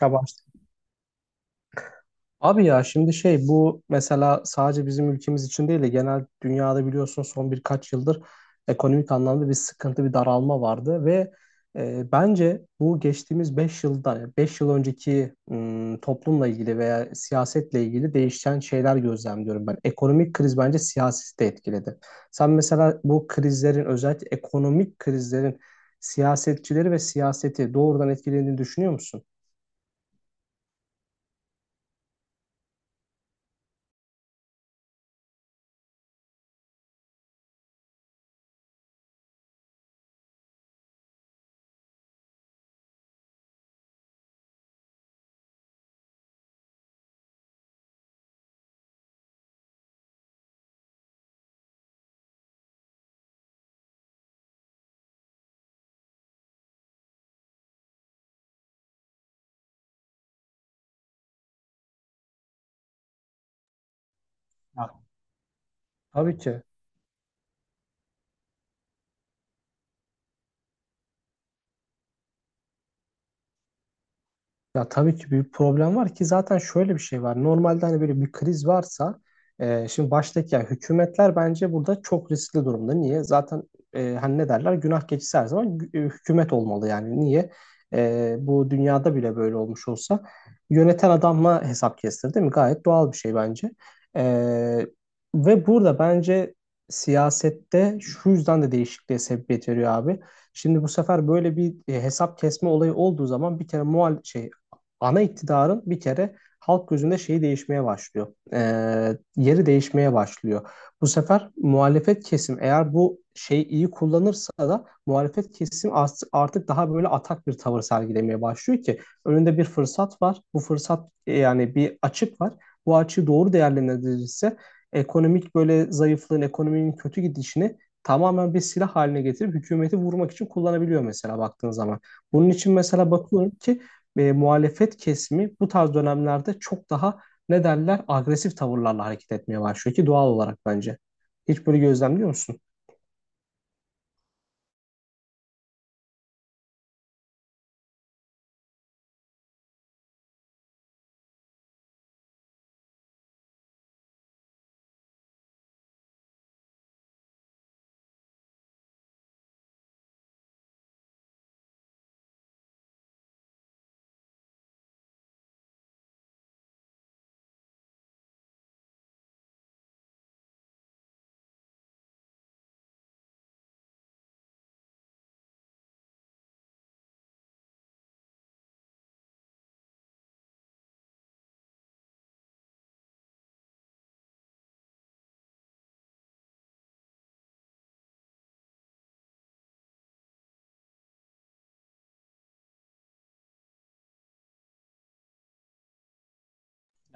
Ya, abi ya şimdi şey bu mesela sadece bizim ülkemiz için değil de genel dünyada biliyorsun son birkaç yıldır ekonomik anlamda bir sıkıntı, bir daralma vardı ve bence bu geçtiğimiz 5 yılda, yani 5 yıl önceki toplumla ilgili veya siyasetle ilgili değişen şeyler gözlemliyorum ben. Ekonomik kriz bence siyaseti de etkiledi. Sen mesela bu krizlerin özellikle ekonomik krizlerin siyasetçileri ve siyaseti doğrudan etkilediğini düşünüyor musun? Ya, tabii ki. Ya tabii ki bir problem var ki, zaten şöyle bir şey var. Normalde hani böyle bir kriz varsa, şimdi baştaki yani hükümetler bence burada çok riskli durumda. Niye? Zaten, hani ne derler? Günah keçisi her zaman hükümet olmalı yani. Niye? Bu dünyada bile böyle olmuş olsa yöneten adamla hesap kestir, değil mi? Gayet doğal bir şey bence. E, Ve burada bence siyasette şu yüzden de değişikliğe sebebiyet veriyor abi. Şimdi bu sefer böyle bir hesap kesme olayı olduğu zaman, bir kere muhal şey, ana iktidarın bir kere halk gözünde şeyi değişmeye başlıyor. Yeri değişmeye başlıyor. Bu sefer muhalefet kesim eğer bu şeyi iyi kullanırsa da muhalefet kesim artık daha böyle atak bir tavır sergilemeye başlıyor ki önünde bir fırsat var. Bu fırsat yani bir açık var. Bu açığı doğru değerlendirilirse ekonomik böyle zayıflığın, ekonominin kötü gidişini tamamen bir silah haline getirip hükümeti vurmak için kullanabiliyor mesela, baktığın zaman. Bunun için mesela bakıyorum ki muhalefet kesimi bu tarz dönemlerde çok daha, ne derler, agresif tavırlarla hareket etmeye başlıyor ki doğal olarak, bence. Hiç böyle gözlemliyor musun?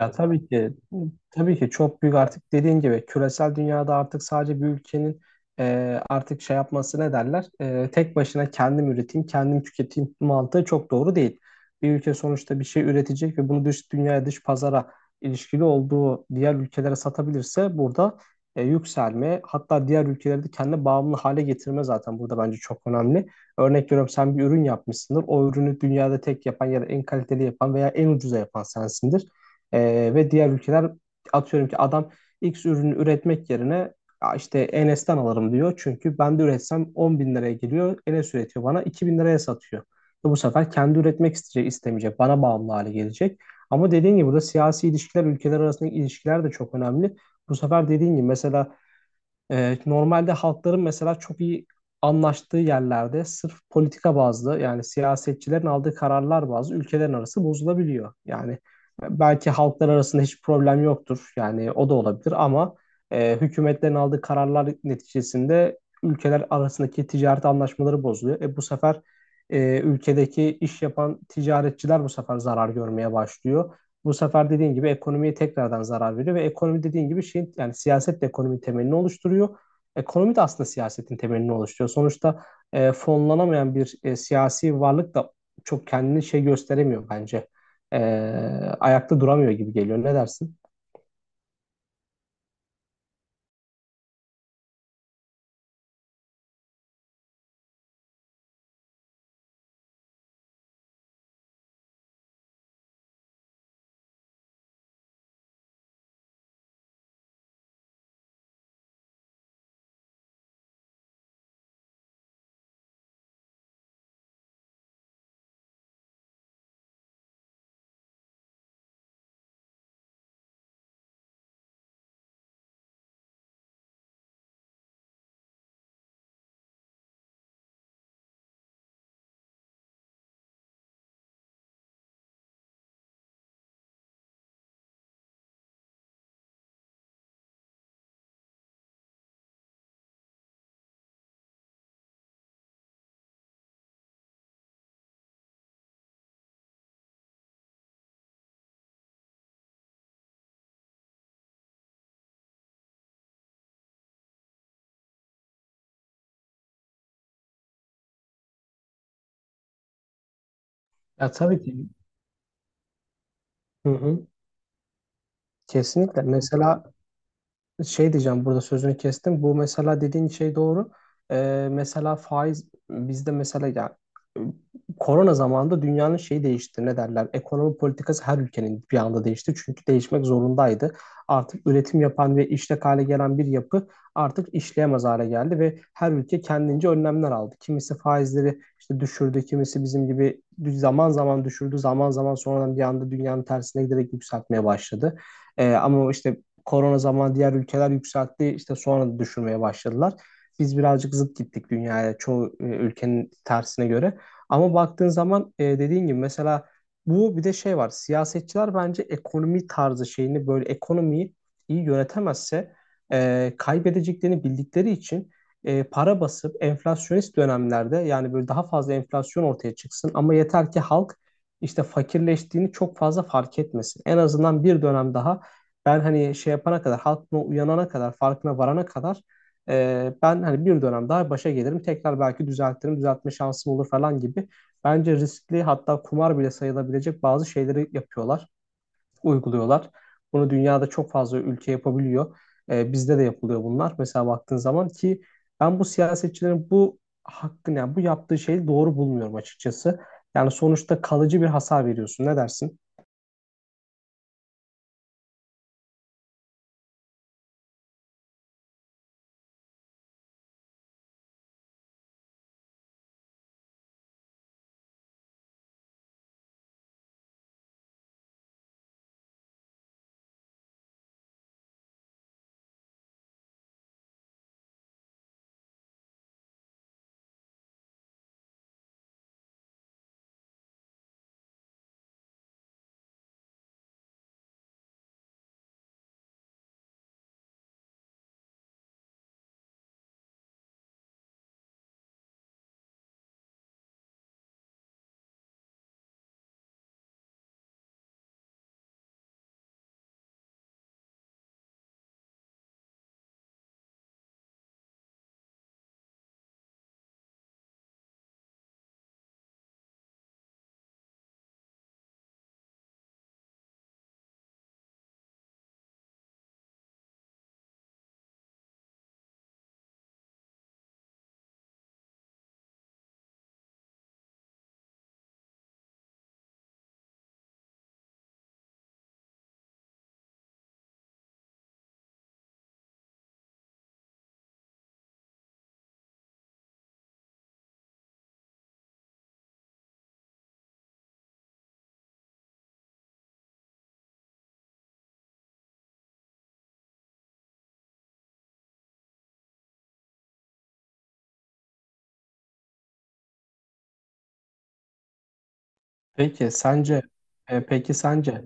Ya tabii ki, tabii ki çok büyük, artık dediğin gibi küresel dünyada artık sadece bir ülkenin artık şey yapması, ne derler, tek başına kendim üreteyim, kendim tüketeyim mantığı çok doğru değil. Bir ülke sonuçta bir şey üretecek ve bunu dış dünyaya, dış pazara, ilişkili olduğu diğer ülkelere satabilirse, burada yükselme, hatta diğer ülkeleri de kendine bağımlı hale getirme zaten, burada bence çok önemli. Örnek veriyorum, sen bir ürün yapmışsındır. O ürünü dünyada tek yapan ya da en kaliteli yapan veya en ucuza yapan sensindir. Ve diğer ülkeler atıyorum ki adam X ürünü üretmek yerine, "Ya işte Enes'ten alırım" diyor. Çünkü ben de üretsem 10 bin liraya geliyor. Enes üretiyor, bana 2 bin liraya satıyor. Ve bu sefer kendi üretmek isteyecek, istemeyecek. Bana bağımlı hale gelecek. Ama dediğin gibi burada siyasi ilişkiler, ülkeler arasındaki ilişkiler de çok önemli. Bu sefer dediğin gibi mesela, normalde halkların mesela çok iyi anlaştığı yerlerde sırf politika bazlı, yani siyasetçilerin aldığı kararlar bazlı ülkelerin arası bozulabiliyor. Yani belki halklar arasında hiç problem yoktur. Yani o da olabilir ama hükümetlerin aldığı kararlar neticesinde ülkeler arasındaki ticaret anlaşmaları bozuluyor. Bu sefer ülkedeki iş yapan ticaretçiler bu sefer zarar görmeye başlıyor. Bu sefer dediğin gibi ekonomiye tekrardan zarar veriyor ve ekonomi dediğin gibi şeyin, yani siyaset de ekonominin temelini oluşturuyor. Ekonomi de aslında siyasetin temelini oluşturuyor. Sonuçta fonlanamayan bir siyasi varlık da çok kendini şey gösteremiyor bence. E, Ayakta duramıyor gibi geliyor. Ne dersin? Ya, tabii ki. Hı hı. Kesinlikle. Mesela şey diyeceğim, burada sözünü kestim. Bu mesela dediğin şey doğru. Mesela faiz bizde mesela ya, e, korona zamanında dünyanın şeyi değişti. Ne derler? Ekonomi politikası her ülkenin bir anda değişti. Çünkü değişmek zorundaydı. Artık üretim yapan ve işlek hale gelen bir yapı artık işleyemez hale geldi ve her ülke kendince önlemler aldı. Kimisi faizleri işte düşürdü, kimisi bizim gibi zaman zaman düşürdü, zaman zaman sonradan bir anda dünyanın tersine giderek yükseltmeye başladı. Ama işte korona zamanı diğer ülkeler yükseltti. İşte sonra da düşürmeye başladılar. Biz birazcık zıt gittik dünyaya, çoğu ülkenin tersine göre. Ama baktığın zaman, dediğin gibi mesela, bu bir de şey var. Siyasetçiler bence ekonomi tarzı şeyini böyle, ekonomiyi iyi yönetemezse kaybedeceklerini bildikleri için para basıp enflasyonist dönemlerde, yani böyle daha fazla enflasyon ortaya çıksın ama yeter ki halk işte fakirleştiğini çok fazla fark etmesin. En azından bir dönem daha ben hani şey yapana kadar, halk buna uyanana kadar, farkına varana kadar, ben hani bir dönem daha başa gelirim. Tekrar belki düzeltirim, düzeltme şansım olur falan gibi. Bence riskli, hatta kumar bile sayılabilecek bazı şeyleri yapıyorlar, uyguluyorlar. Bunu dünyada çok fazla ülke yapabiliyor. Bizde de yapılıyor bunlar. Mesela baktığın zaman ki ben bu siyasetçilerin bu hakkını, yani bu yaptığı şeyi doğru bulmuyorum açıkçası. Yani sonuçta kalıcı bir hasar veriyorsun. Ne dersin? Peki sence peki sence,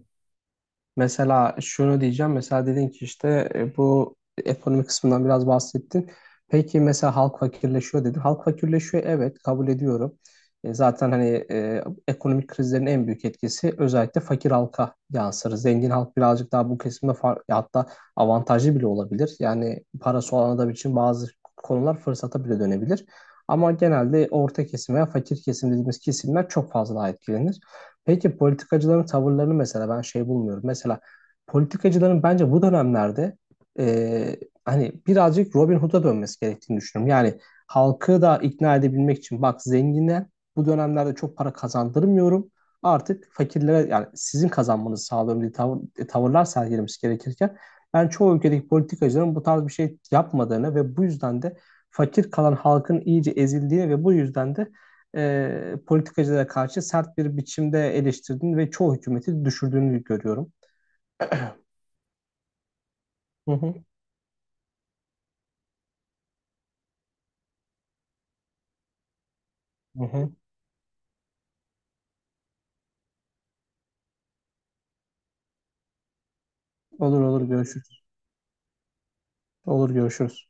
mesela şunu diyeceğim. Mesela dedin ki işte, bu ekonomi kısmından biraz bahsettin. Peki mesela halk fakirleşiyor dedin. Halk fakirleşiyor, evet, kabul ediyorum. Zaten hani, ekonomik krizlerin en büyük etkisi özellikle fakir halka yansır. Zengin halk birazcık daha bu kesimde ya hatta avantajlı bile olabilir. Yani parası olan adam için bazı konular fırsata bile dönebilir. Ama genelde orta kesim veya fakir kesim dediğimiz kesimler çok fazla daha etkilenir. Peki politikacıların tavırlarını mesela ben şey bulmuyorum. Mesela politikacıların bence bu dönemlerde e, hani birazcık Robin Hood'a dönmesi gerektiğini düşünüyorum. Yani halkı da ikna edebilmek için, bak, zengine bu dönemlerde çok para kazandırmıyorum. Artık fakirlere, yani sizin kazanmanızı sağlıyorum diye tavırlar sergilemesi gerekirken ben çoğu ülkedeki politikacıların bu tarz bir şey yapmadığını ve bu yüzden de fakir kalan halkın iyice ezildiğini ve bu yüzden de politikacılara karşı sert bir biçimde eleştirdiğini ve çoğu hükümeti düşürdüğünü görüyorum. Hı hı. Hı hı. Olur, olur, görüşürüz. Olur, görüşürüz.